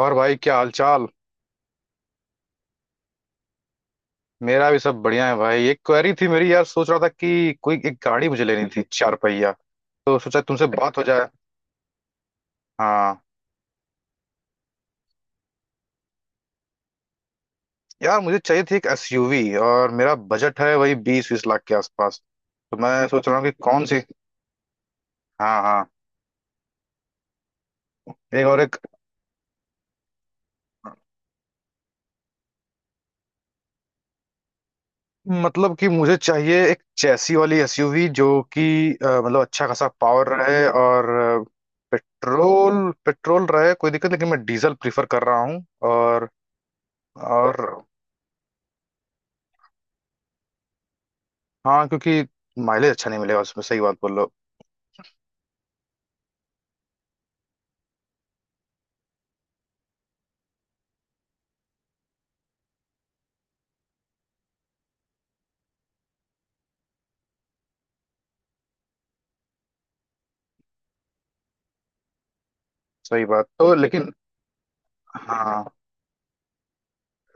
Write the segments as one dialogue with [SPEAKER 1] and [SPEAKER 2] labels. [SPEAKER 1] और भाई क्या हालचाल। मेरा भी सब बढ़िया है भाई। एक क्वेरी थी मेरी यार, सोच रहा था कि कोई एक गाड़ी मुझे लेनी थी, चार पहिया। तो सोचा तुमसे बात हो जाए। हाँ। यार मुझे चाहिए थी एक एसयूवी। और मेरा बजट है वही 20-20 लाख के आसपास। तो मैं सोच रहा हूँ कि कौन सी। हाँ हाँ। एक और एक। मतलब कि मुझे चाहिए एक चैसी वाली एसयूवी जो कि, मतलब अच्छा खासा पावर रहे और अ, पेट्रोल पेट्रोल रहे कोई दिक्कत, लेकिन मैं डीजल प्रीफर कर रहा हूँ। और और हाँ, क्योंकि माइलेज अच्छा नहीं मिलेगा उसमें। सही बात बोल रहे हो। सही बात तो बिल्कुल, लेकिन। हाँ।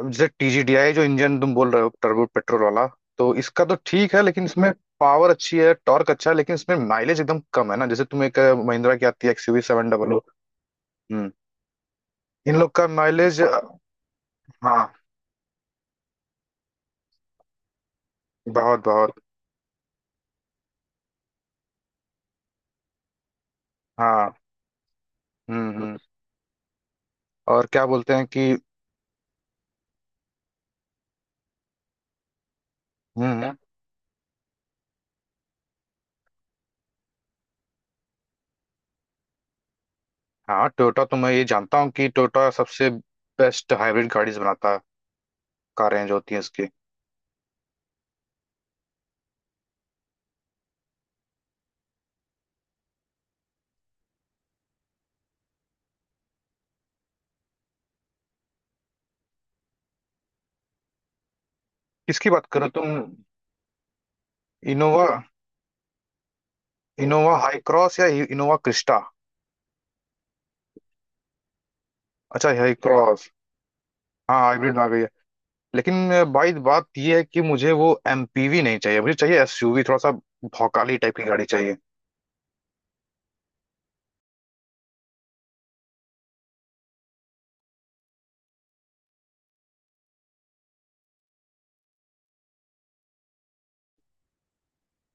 [SPEAKER 1] अब जैसे टीजीडीआई जो इंजन तुम बोल रहे हो, टर्बो पेट्रोल वाला, तो इसका तो ठीक है, लेकिन इसमें पावर अच्छी है, टॉर्क अच्छा है, लेकिन इसमें माइलेज एकदम कम है ना। जैसे तुम एक महिंद्रा की आती है एक्सयूवी सेवन डबल। हम्म। इन लोग का माइलेज। हाँ बहुत बहुत। हाँ। हम्म। और क्या बोलते हैं कि। हम्म। हाँ टोयोटा तो मैं ये जानता हूँ कि टोयोटा सबसे बेस्ट हाइब्रिड गाड़ीज बनाता है। कारें जो होती हैं इसकी। किसकी बात करो तुम। इनोवा। इनोवा हाई क्रॉस या इनोवा क्रिस्टा। अच्छा हाई क्रॉस। हाँ हाइब्रिड आ गई है। लेकिन भाई बात ये है कि मुझे वो एमपीवी नहीं चाहिए, मुझे चाहिए एसयूवी, थोड़ा सा भौकाली टाइप की गाड़ी चाहिए।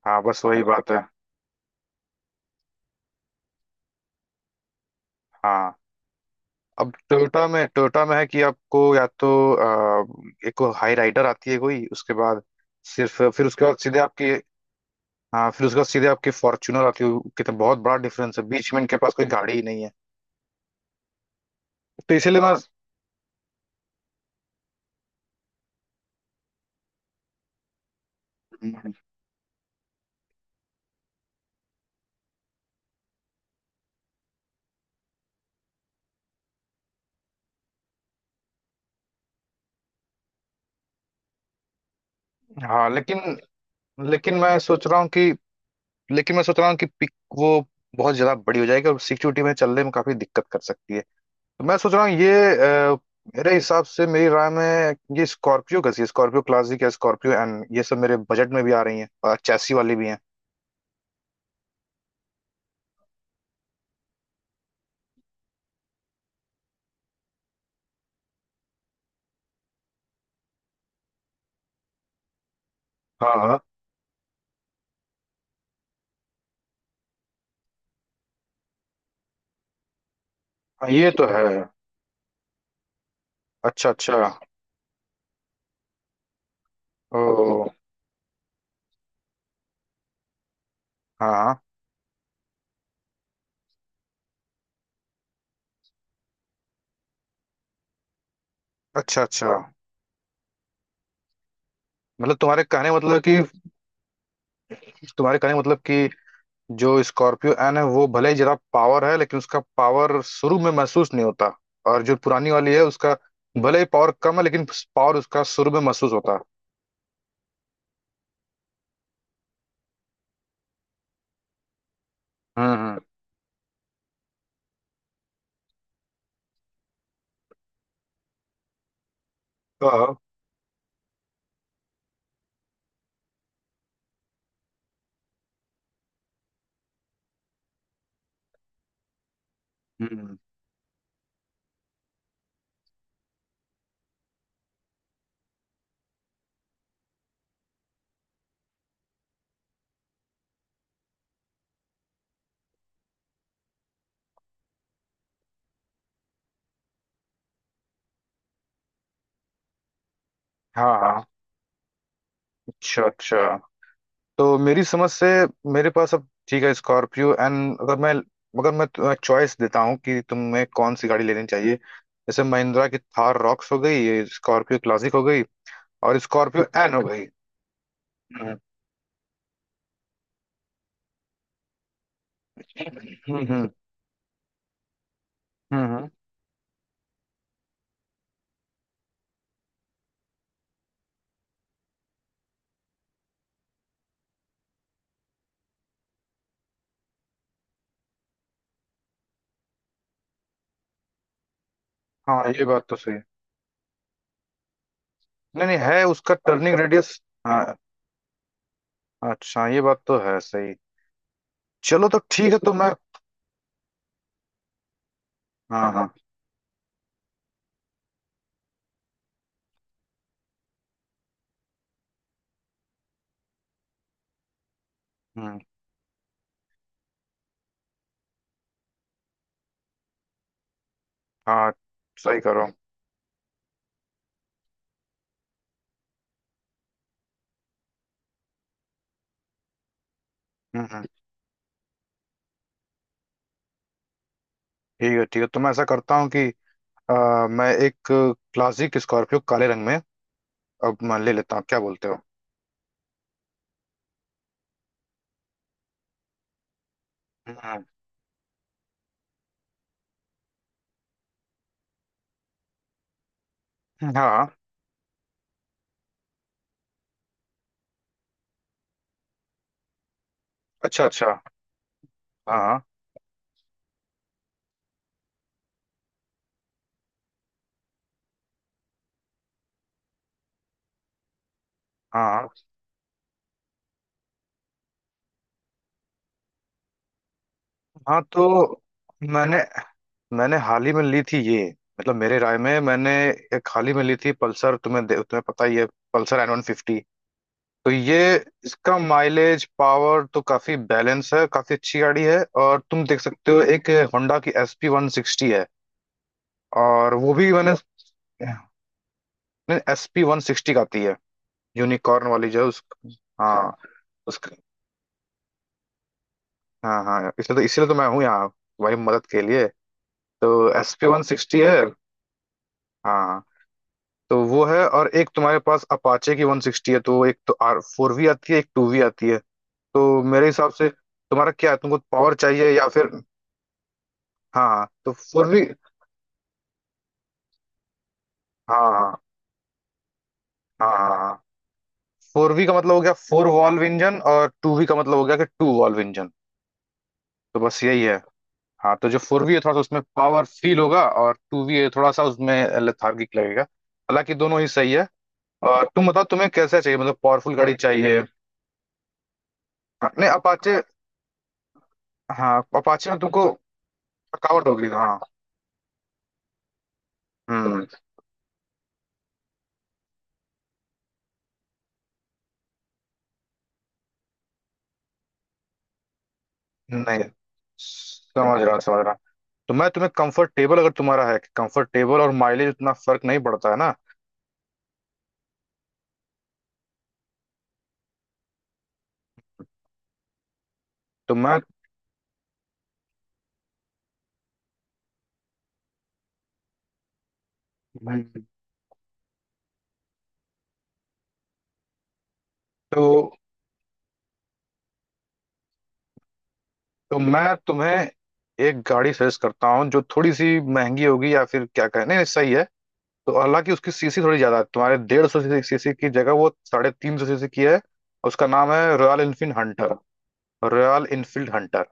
[SPEAKER 1] हाँ बस वही बात है। हाँ। अब टोयोटा में है कि आपको या तो एक हाई राइडर आती है कोई, उसके बाद सिर्फ, फिर उसके बाद सीधे आपकी। हाँ फिर उसके बाद सीधे आपकी फॉर्च्यूनर आती है। कितना बहुत बड़ा डिफरेंस है बीच में, इनके पास कोई गाड़ी ही नहीं है। तो इसीलिए मैं। हाँ लेकिन। लेकिन मैं सोच रहा हूँ कि। लेकिन मैं सोच रहा हूँ कि पिक, वो बहुत ज्यादा बड़ी हो जाएगी और सिक्योरिटी में चलने में काफी दिक्कत कर सकती है। तो मैं सोच रहा हूँ ये अ, मेरे हिसाब से, मेरी राय में ये स्कॉर्पियो का चाहिए, स्कॉर्पियो क्लासिक या स्कॉर्पियो एन। ये सब मेरे बजट में भी आ रही हैं और चैसी वाली भी हैं। हाँ हाँ। हाँ, ये तो है। अच्छा अच्छा। ओ। हाँ। अच्छा अच्छा। मतलब तुम्हारे कहने का मतलब कि। तुम्हारे कहने का मतलब कि जो स्कॉर्पियो एन है वो भले ही ज्यादा पावर है लेकिन उसका पावर शुरू में महसूस नहीं होता, और जो पुरानी वाली है उसका भले ही पावर कम है, लेकिन पावर उसका शुरू में महसूस होता है। हम्म। हाँ। हम्म, हाँ। हाँ। अच्छा अच्छा। तो मेरी समझ से, मेरे पास अब ठीक है स्कॉर्पियो एंड अगर मैं, मगर मैं तुम्हें चॉइस देता हूँ कि तुम्हें कौन सी गाड़ी लेनी चाहिए, जैसे महिंद्रा की थार रॉक्स हो गई, ये स्कॉर्पियो क्लासिक हो गई और स्कॉर्पियो एन हो गई। हम्म हम्म। हम्म, हम्म। हाँ ये बात तो सही है। नहीं नहीं है उसका टर्निंग रेडियस। हाँ। अच्छा ये बात तो है सही। चलो तो ठीक है। तो मैं। हाँ हाँ। हम्म। हाँ। सही करो। हम्म हम्म, ठीक है ठीक है। तो मैं ऐसा करता हूँ कि मैं एक क्लासिक स्कॉर्पियो काले रंग में अब मैं ले लेता हूँ, क्या बोलते हो। हाँ हाँ, अच्छा अच्छा। हाँ हाँ हाँ हाँ। तो मैंने मैंने हाल ही में ली थी ये। मतलब मेरे राय में मैंने एक हाल ही में ली थी पल्सर। तुम्हें पता ही है, पल्सर N150। तो ये, इसका माइलेज पावर तो काफी बैलेंस है, काफी अच्छी गाड़ी है। और तुम देख सकते हो एक होंडा की SP160 है। और वो भी मैंने। नहीं, SP160 का आती है यूनिकॉर्न वाली जो है उस। हाँ, उसका। हाँ हाँ, इसलिए तो मैं हूँ यहाँ तुम्हारी मदद के लिए। तो SP160 है। हाँ। तो वो है और एक तुम्हारे पास अपाचे की 160 है, तो एक तो R4V आती है, एक 2V आती है। तो मेरे हिसाब से तुम्हारा क्या है, तुमको पावर चाहिए या फिर। हाँ हाँ, तो फोर बट वी। हाँ हाँ हाँ हाँ, हाँ। फोर वी का मतलब हो गया फोर वॉल्व इंजन और 2V का मतलब हो गया कि टू वॉल्व इंजन। तो बस यही है। हाँ, तो जो 4V है थोड़ा सा उसमें पावर फील होगा और टू वी है थोड़ा सा उसमें लेथार्गिक लगेगा, हालांकि दोनों ही सही है। और तुम बताओ, तुम्हें कैसा चाहिए, मतलब पावरफुल गाड़ी चाहिए। हाँ, नहीं अपाचे। हाँ अपाचे में तुमको थकावट होगी। हाँ। हम्म। नहीं, समझ रहा समझ रहा। तो मैं तुम्हें कंफर्टेबल, अगर तुम्हारा है कि कंफर्टेबल और माइलेज उतना फर्क नहीं पड़ता है ना। तो मैं। हम्म। तो तो मैं तुम्हें एक गाड़ी सजेस्ट करता हूँ जो थोड़ी सी महंगी होगी, या फिर क्या कहें, नहीं नहीं, सही है। तो हालांकि उसकी सीसी थोड़ी ज्यादा है, तुम्हारे 150 सीसी की जगह वो 350 सीसी की है। उसका नाम है Royal Enfield Hunter. Royal Enfield Hunter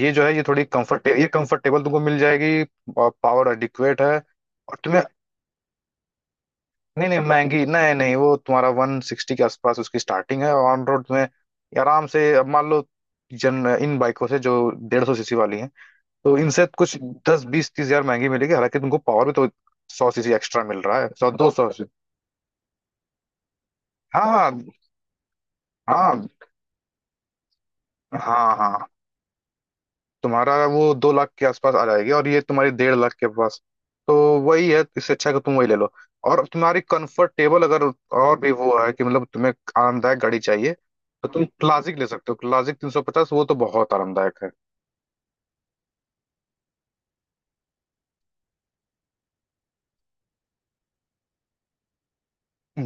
[SPEAKER 1] ये जो है, ये थोड़ी कंफर्ट, ये कंफर्टेबल तुमको मिल जाएगी और पावर एडिक्वेट है। और तुम्हें। नहीं नहीं महंगी, नहीं नहीं, वो तुम्हारा वन सिक्सटी के आसपास उसकी स्टार्टिंग है ऑन रोड, तुम्हें ये आराम से। अब मान लो जन इन बाइकों से जो 150 सीसी वाली हैं, तो इनसे कुछ 10-20-30 हजार महंगी मिलेगी, हालांकि तुमको पावर भी तो 100 सीसी एक्स्ट्रा मिल रहा है, 100-200। हाँ हाँ हाँ हाँ हाँ हाँ। तुम्हारा वो 2 लाख के आसपास आ जाएगी और ये तुम्हारी 1.5 लाख के पास। तो वही है, इससे अच्छा है कि तुम वही ले लो। और तुम्हारी कंफर्टेबल अगर और भी वो है कि मतलब तुम्हें आरामदायक गाड़ी चाहिए, तो तुम क्लासिक ले सकते हो। क्लासिक 350 वो तो बहुत आरामदायक है।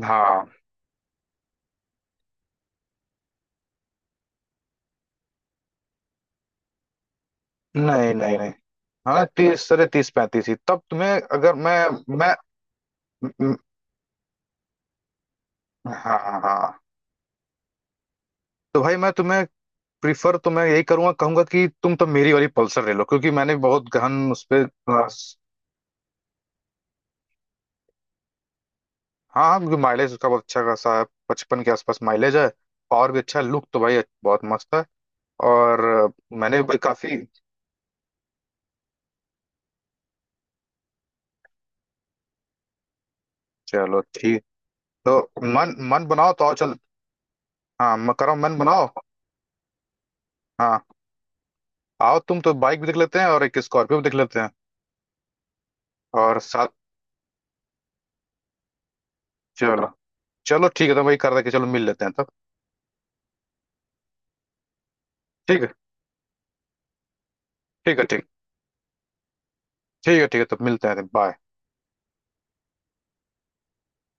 [SPEAKER 1] हाँ। नहीं नहीं नहीं। हाँ, 30, 35, 35 ही, तब तुम्हें अगर मैं, मैं। हाँ हाँ हाँ, हाँ। तो भाई मैं तुम्हें, प्रीफर तो मैं यही करूंगा, कहूंगा कि तुम तो मेरी वाली पल्सर ले लो, क्योंकि मैंने बहुत गहन उस पर। हाँ क्योंकि माइलेज उसका बहुत अच्छा खासा है, 55 के आसपास माइलेज है। और भी अच्छा लुक तो भाई बहुत मस्त है। और मैंने भी काफी। चलो ठीक। तो मन मन बनाओ, तो आओ चल। हाँ मैं कह रहा हूँ मन बनाओ। हाँ आओ तुम, तो बाइक भी देख लेते हैं और एक स्कॉर्पियो भी देख लेते हैं और साथ। चलो। चलो ठीक है, तो वही कर रहा कि चलो मिल लेते हैं तब। ठीक है। ठीक है। ठीक। ठीक है ठीक है, तब मिलते हैं, बाय।